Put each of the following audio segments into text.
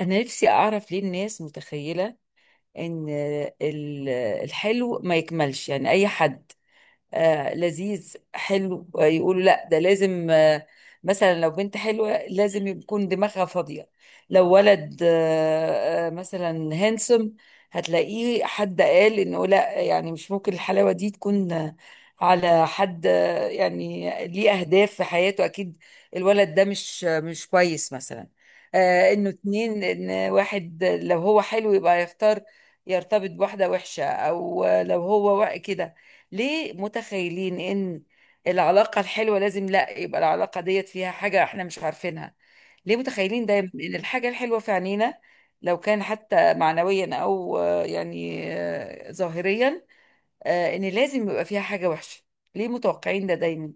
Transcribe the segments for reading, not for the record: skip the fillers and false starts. أنا نفسي أعرف ليه الناس متخيلة إن ال- الحلو ما يكملش. يعني أي حد لذيذ حلو يقولوا لا ده لازم مثلا لو بنت حلوة لازم يكون دماغها فاضية، لو ولد مثلا هانسوم هتلاقيه حد قال انه لا، يعني مش ممكن الحلاوة دي تكون على حد، يعني ليه اهداف في حياته اكيد الولد ده مش مش كويس مثلا. انه اتنين، ان واحد لو هو حلو يبقى يختار يرتبط بواحدة وحشة، او لو هو كده. ليه متخيلين ان العلاقة الحلوة لازم لا يبقى العلاقة ديت فيها حاجة احنا مش عارفينها؟ ليه متخيلين دايما ان الحاجة الحلوة في عينينا لو كان حتى معنويا او ظاهريا، ان لازم يبقى فيها حاجة وحشة؟ ليه متوقعين ده دايما؟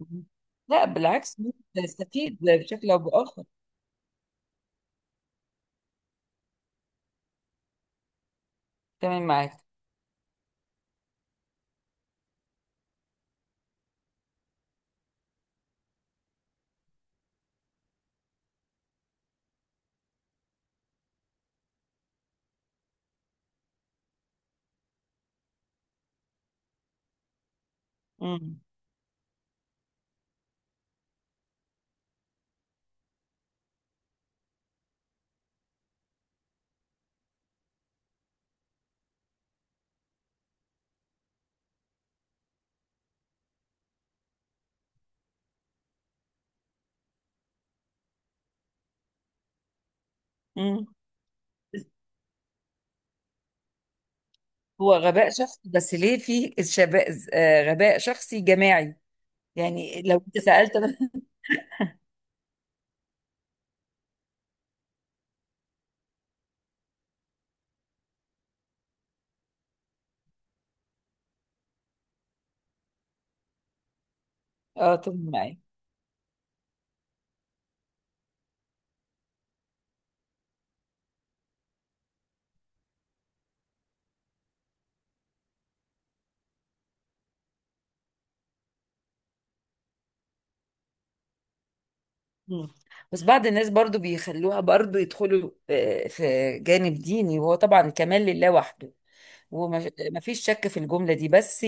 مم. لا بالعكس، بنستفيد بشكل او باخر. تمام معاك. مم. مم. هو غباء شخصي، بس ليه في شباب غباء شخصي جماعي؟ يعني لو انت سألت. اه طب معايا. مم. بس بعض الناس برضو بيخلوها، برضو يدخلوا في جانب ديني، وهو طبعا كمال لله وحده، وما فيش شك في الجملة دي. بس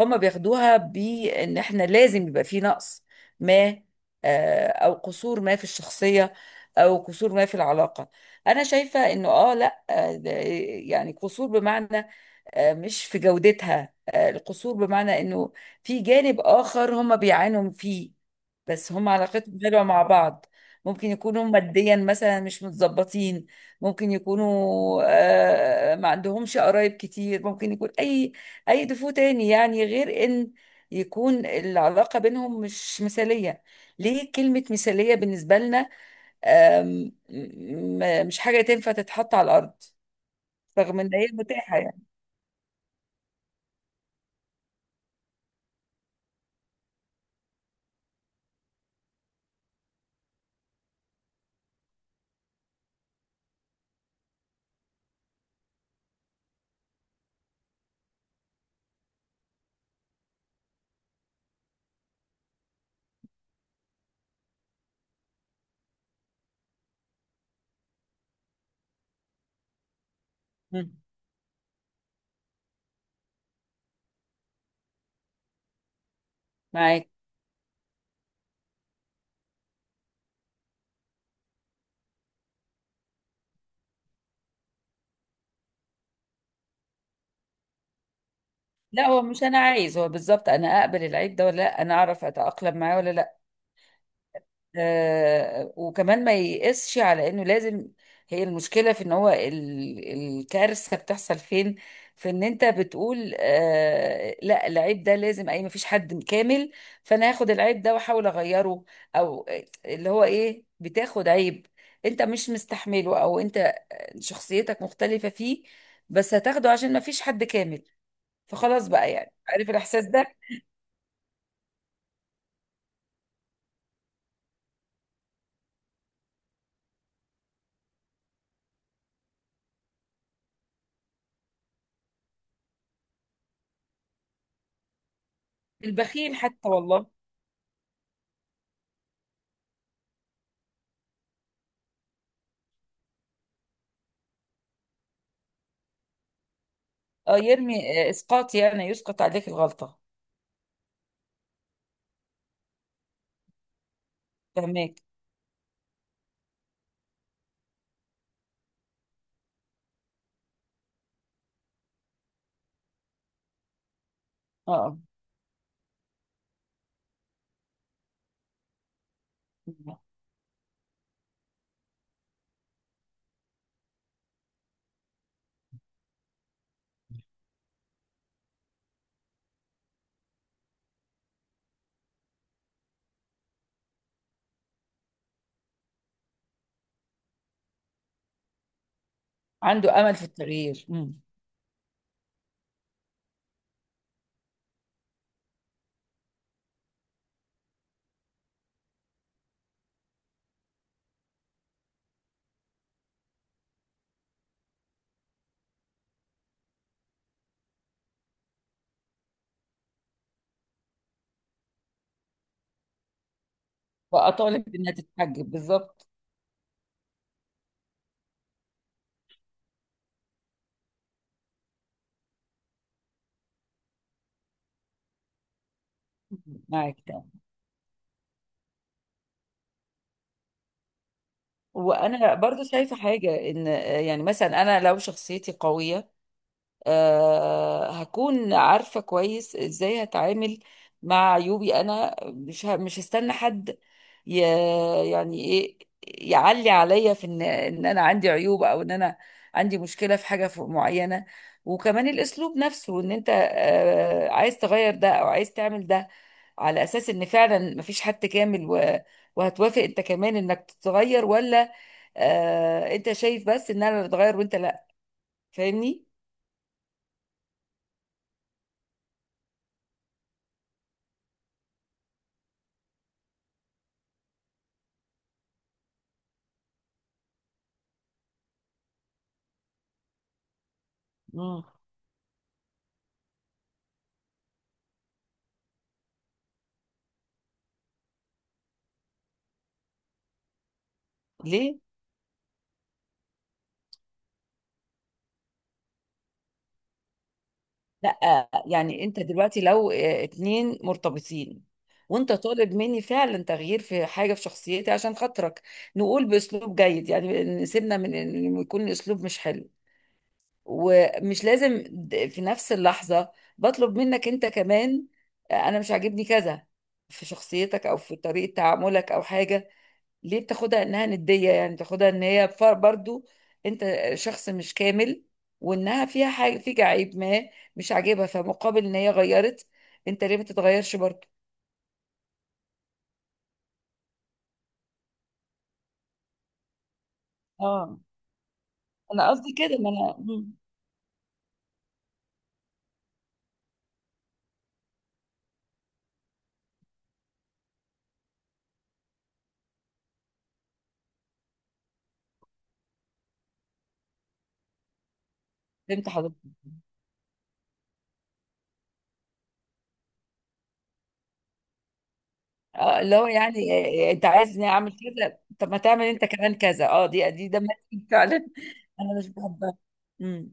هم بياخدوها بان احنا لازم يبقى في نقص ما، او قصور ما في الشخصية، او قصور ما في العلاقة. انا شايفة انه اه لا، يعني قصور بمعنى، مش في جودتها. القصور بمعنى انه في جانب اخر هم بيعانوا فيه، بس هم علاقتهم حلوة مع بعض. ممكن يكونوا ماديا مثلا مش متظبطين، ممكن يكونوا ما عندهمش قرايب كتير، ممكن يكون اي اي دفو تاني، يعني غير ان يكون العلاقة بينهم مش مثالية. ليه كلمة مثالية بالنسبة لنا، مش حاجة تنفع تتحط على الأرض، رغم ان هي متاحة يعني. مم. معاك. لا هو مش انا عايز، هو بالظبط انا اقبل العيب ده ولا لا، انا اعرف اتأقلم معاه ولا لا. وكمان ما يقسش على انه لازم. هي المشكلة في ان هو الكارثة بتحصل فين؟ في ان انت بتقول آه لا العيب ده لازم اي، مفيش حد كامل، فانا هاخد العيب ده واحاول اغيره. او اللي هو ايه، بتاخد عيب انت مش مستحمله، او انت شخصيتك مختلفة فيه، بس هتاخده عشان مفيش حد كامل، فخلاص بقى. يعني عارف الاحساس ده؟ البخيل حتى والله. اه يرمي، اسقاط، يعني يسقط عليك الغلطة. فهماك. اه. آه. عنده امل في التغيير. امم. واطالب انها تتحجب بالظبط. معاك تمام. وانا برضو شايفه حاجه، ان يعني مثلا انا لو شخصيتي قويه، هكون عارفة كويس ازاي هتعامل مع عيوبي، انا مش هستنى حد ي- يعني ايه، يعلي عليا في ان انا عندي عيوب، او ان انا عندي مشكلة في حاجة معينة. وكمان الاسلوب نفسه، ان انت عايز تغير ده او عايز تعمل ده على اساس ان فعلا مفيش حد كامل، و- وهتوافق انت كمان انك تتغير، ولا انت شايف بس ان انا اللي اتغير وانت لا؟ فاهمني؟ مم. ليه؟ لا يعني انت دلوقتي لو اتنين مرتبطين، وانت طالب مني فعلا تغيير في حاجه في شخصيتي عشان خاطرك، نقول باسلوب جيد يعني، نسيبنا من انه يكون الاسلوب مش حلو، ومش لازم في نفس اللحظه بطلب منك انت كمان انا مش عاجبني كذا في شخصيتك، او في طريقه تعاملك او حاجه. ليه بتاخدها انها ندية، يعني بتاخدها ان هي برضو انت شخص مش كامل، وانها فيها حاجة فيك عيب ما مش عاجبها، فمقابل ان هي غيرت انت ليه ما تتغيرش برضو؟ اه انا قصدي كده، ما انا. فهمت حضرتك. اه اللي هو يعني انت عايز اني اعمل كذا، طب ما تعمل انت كمان كذا. اه دي دي ده ماتشنج فعلا انا مش بحبها. امم.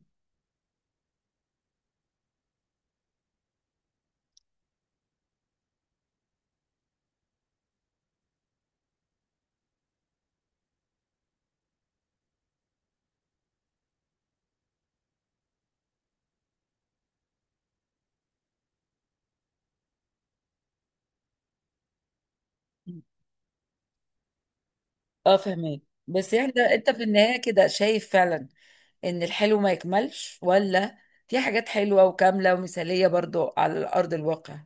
مم. اه فهمك. بس يعني ده انت في النهاية كده شايف فعلا ان الحلو ما يكملش، ولا في حاجات حلوة وكاملة ومثالية برضو على أرض الواقع؟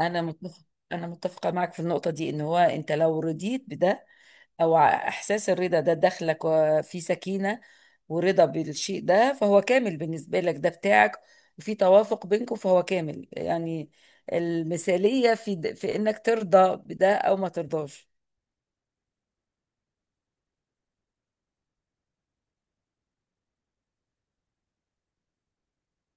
أنا متفق، أنا متفقة معك في النقطة دي، إن هو أنت لو رضيت بده، إحساس الرضا ده داخلك وفي سكينة ورضا بالشيء ده، فهو كامل بالنسبة لك، ده بتاعك، وفي توافق بينكم، فهو كامل يعني. المثالية في، في إنك ترضى بده أو ما ترضاش.